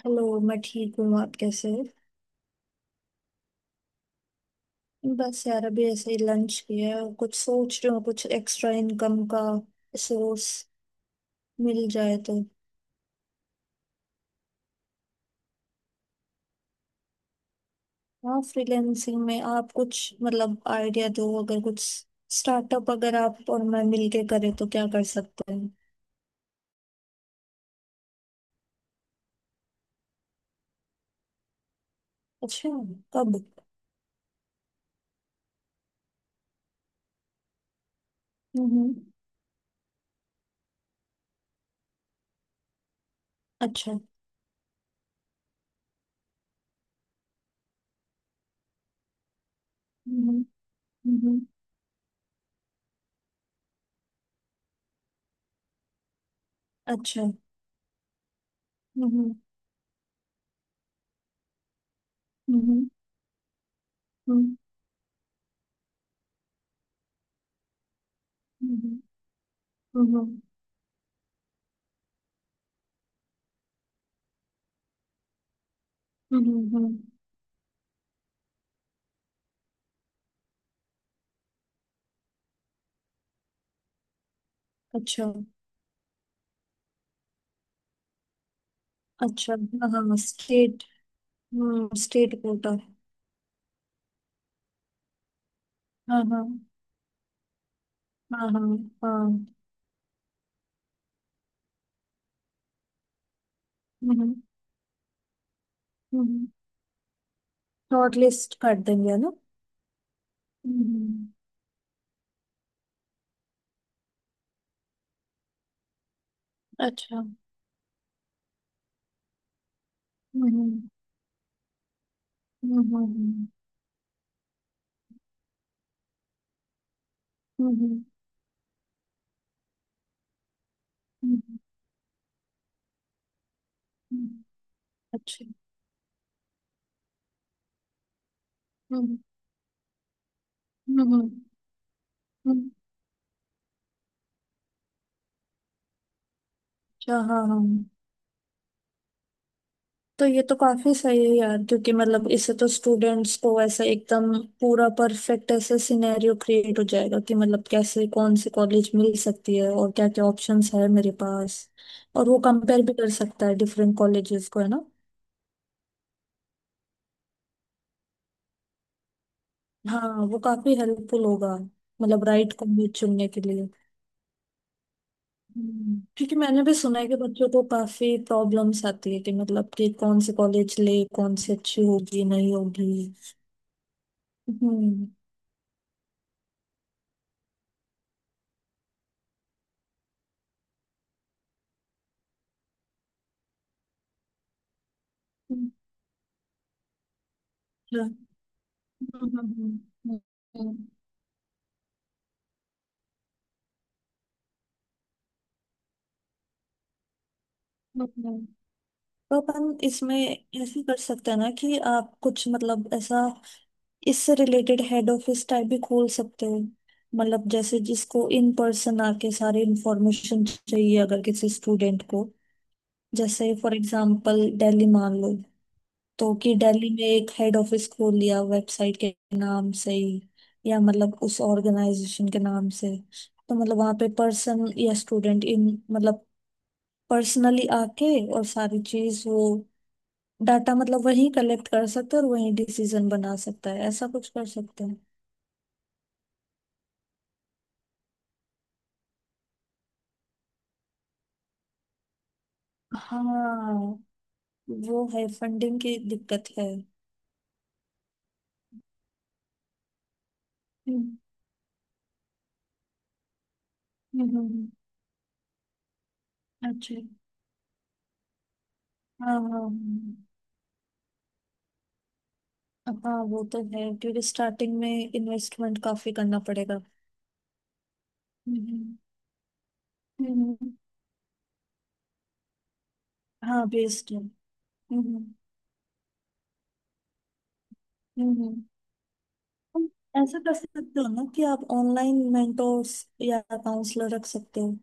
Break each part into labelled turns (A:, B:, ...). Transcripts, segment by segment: A: Hello. मैं ठीक हूँ। आप कैसे हो? बस यार, अभी ऐसे ही लंच किया है और कुछ सोच रही हूँ कुछ एक्स्ट्रा इनकम का सोर्स मिल जाए तो। हाँ, फ्रीलैंसिंग में आप कुछ मतलब आइडिया दो, अगर कुछ स्टार्टअप अगर आप और मैं मिलके करें तो क्या कर सकते हैं? अच्छा। कब? हम्म। अच्छा। हम्म। हम्म। अच्छा। हम्म। हम्म। हम्म। हम्म। हम्म। हम्म। हम्म, हम्म, अच्छा। अच्छा। हाँ, स्टेट। हम्म, स्टेट कोटा। हाँ हाँ। हाँ हाँ। हाँ। हम्म। हम्म। शॉर्ट लिस्ट कर देंगे, है ना? हम्म। अच्छा। हम्म। हम्म। हम्म। हम्म। हम्म, हम्म, हम्म, हम्म, अच्छा। हम्म। हम्म। हम्म, अच्छा। हाँ हाँ। तो ये तो काफी सही है यार, क्योंकि मतलब इससे तो स्टूडेंट्स को ऐसा एकदम पूरा परफेक्ट ऐसा सिनेरियो क्रिएट हो जाएगा कि मतलब कैसे कौन सी कॉलेज मिल सकती है और क्या क्या ऑप्शंस है मेरे पास। और वो कंपेयर भी कर सकता है डिफरेंट कॉलेजेस को, है ना? हाँ, वो काफी हेल्पफुल होगा। मतलब राइट कॉलेज चुनने के लिए। क्योंकि मैंने भी सुना है कि बच्चों को काफी प्रॉब्लम्स आती है कि मतलब कि कौन से कॉलेज ले, कौन सी अच्छी होगी नहीं होगी। हम्म। हम्म। हम्म, हम्म, हम्म। तो अपन इसमें ऐसे कर सकते हैं ना कि आप कुछ मतलब ऐसा इससे रिलेटेड हेड ऑफिस टाइप भी खोल सकते हो। मतलब जैसे जिसको इन पर्सन आके सारी इंफॉर्मेशन चाहिए अगर किसी स्टूडेंट को, जैसे फॉर एग्जांपल दिल्ली मान लो। तो कि दिल्ली में एक हेड ऑफिस खोल लिया वेबसाइट के नाम से ही, या मतलब उस ऑर्गेनाइजेशन के नाम से। तो मतलब वहाँ पे पर्सन या स्टूडेंट इन मतलब पर्सनली आके और सारी चीज वो डाटा मतलब वही कलेक्ट कर सकते हैं और वही डिसीजन बना सकता है, ऐसा कुछ कर सकते हैं। हाँ, वो है फंडिंग की दिक्कत है। हम्म। हम्म, हम्म, अच्छा। हाँ हाँ। हाँ हाँ, वो तो है, क्योंकि स्टार्टिंग में इन्वेस्टमेंट काफी करना पड़ेगा। हम्म। हम्म, हाँ बेस्ट है। हम्म। हम्म। हम्म। ऐसा कर सकते हो ना कि आप ऑनलाइन मेंटोर्स या काउंसलर रख सकते हो।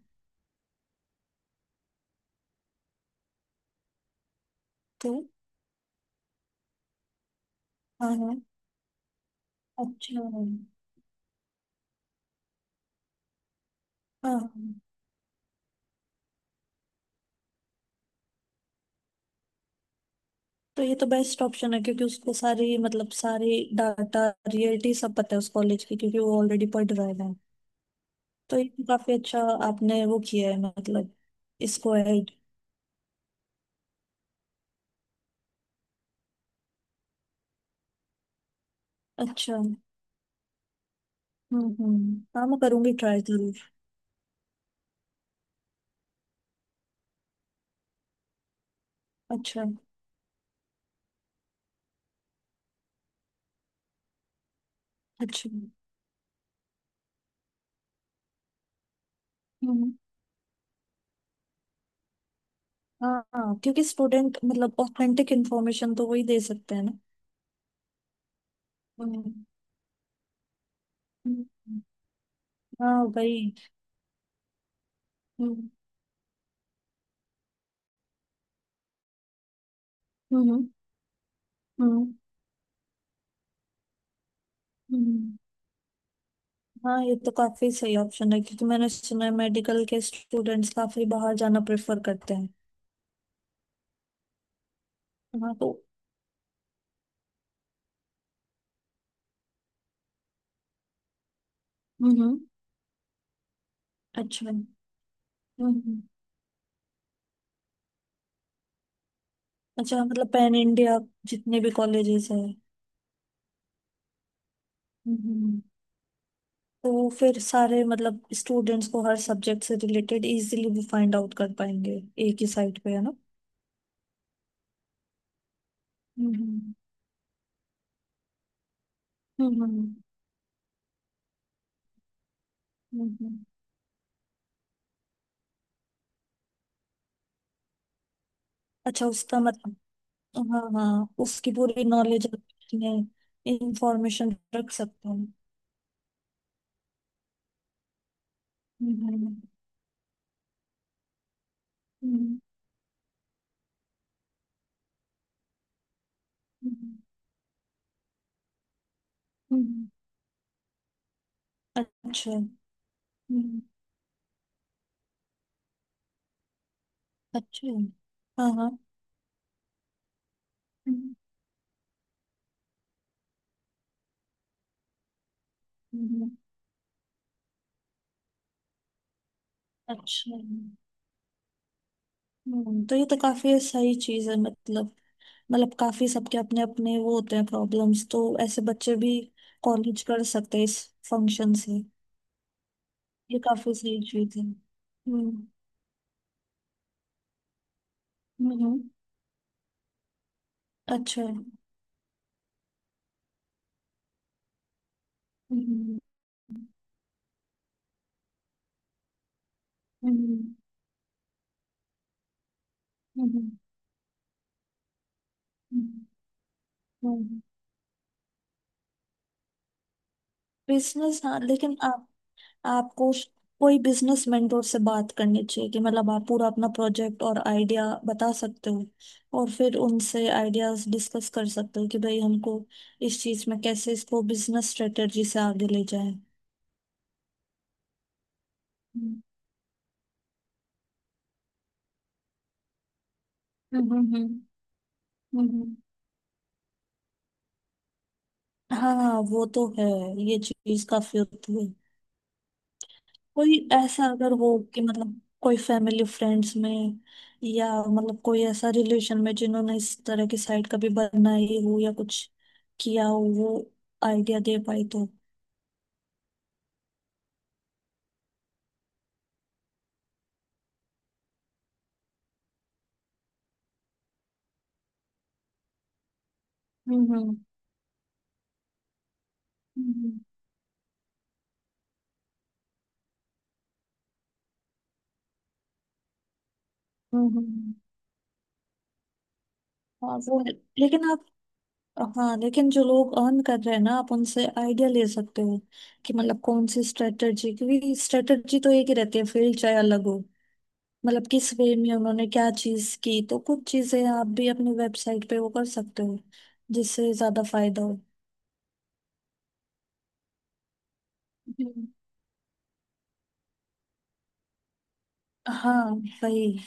A: तो हाँ हाँ। अच्छा। हाँ। तो ये तो बेस्ट ऑप्शन है क्योंकि उसको सारी मतलब सारी डाटा रियलिटी सब पता है उस कॉलेज की, क्योंकि वो ऑलरेडी पढ़ रहा है। तो ये तो काफी अच्छा, आपने वो किया है मतलब, इसको ऐड। अच्छा। हम्म। हम्म, हाँ, मैं करूंगी ट्राई जरूर। अच्छा। अच्छा। हम्म। हाँ हाँ, क्योंकि स्टूडेंट मतलब ऑथेंटिक इन्फॉर्मेशन तो वही दे सकते हैं ना। हम्म। हम्म, हम्म। हाँ भाई। हम्म। हम्म। हम्म। हम्म। हम्म। हाँ, ये तो काफी सही ऑप्शन है, क्योंकि मैंने सुना है मेडिकल के स्टूडेंट्स काफी बाहर जाना प्रेफर करते हैं। हाँ तो। हम्म। अच्छा। हम्म। अच्छा, मतलब पैन इंडिया जितने भी कॉलेजेस हैं। हम्म। तो फिर सारे मतलब स्टूडेंट्स को हर सब्जेक्ट से रिलेटेड इजीली वो फाइंड आउट कर पाएंगे एक ही साइट पे, है ना? हम्म। हम्म। हम्म। हम्म। अच्छा, उसका मतलब। हाँ हाँ, उसकी पूरी नॉलेज अपने इंफॉर्मेशन रख सकते हैं। हम्म। हम्म। हम्म, हम्म, अच्छा। हम्म, अच्छा। हाँ हाँ। हम्म, हम्म, अच्छा। तो ये तो काफी सही चीज है, मतलब काफी सबके अपने अपने वो होते हैं प्रॉब्लम्स, तो ऐसे बच्चे भी कॉलेज कर सकते हैं इस फंक्शन से। ये काफी सही चीज है। हम्म। हम्म, अच्छा। हम्म। हम्म। हम्म। हम्म, बिजनेस हाँ, लेकिन आपको उस- कोई बिजनेस मेंटोर से बात करनी चाहिए कि मतलब आप पूरा अपना प्रोजेक्ट और आइडिया बता सकते हो, और फिर उनसे आइडियाज डिस्कस कर सकते हो कि भाई हमको इस चीज में कैसे इसको बिजनेस स्ट्रेटेजी से आगे ले जाए। हम्म। हम्म। हम्म। हम्म, हम्म। हाँ, वो तो है, ये चीज काफी होती है। कोई ऐसा अगर हो कि मतलब कोई फैमिली फ्रेंड्स में या मतलब कोई ऐसा रिलेशन में जिन्होंने इस तरह की साइट कभी बनाई हो या कुछ किया हो, वो आइडिया दे पाई तो। हम्म। हम्म। हम्म। हम्म, हम्म। हाँ, वो है। लेकिन आप हाँ, लेकिन जो लोग अर्न कर रहे हैं ना, आप उनसे आइडिया ले सकते हो कि मतलब कौन सी स्ट्रेटजी, क्योंकि स्ट्रेटजी तो एक ही रहती है, फील्ड चाहे अलग हो। मतलब किस वे में उन्होंने क्या चीज की, तो कुछ चीजें आप भी अपनी वेबसाइट पे वो कर सकते हो जिससे ज्यादा फायदा हो। हम्म। हाँ वही।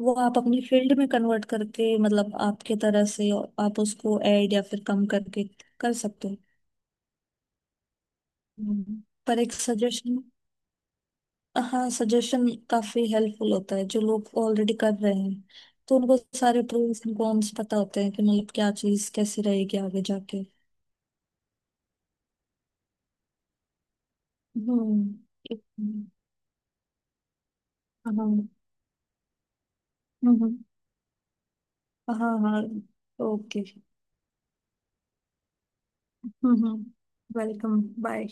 A: वो आप अपनी फील्ड में कन्वर्ट करके मतलब आपके तरह से, और आप उसको ऐड या फिर कम करके कर सकते हो। हम्म। पर एक सजेशन। हाँ, सजेशन काफी हेल्पफुल होता है, जो लोग ऑलरेडी कर रहे हैं तो उनको सारे प्रोस एंड कॉन्स पता होते हैं कि मतलब क्या चीज कैसी रहेगी आगे जाके। हम्म। एक- हाँ। हम्म। हाँ हाँ। ओके। हम्म। Welcome, bye.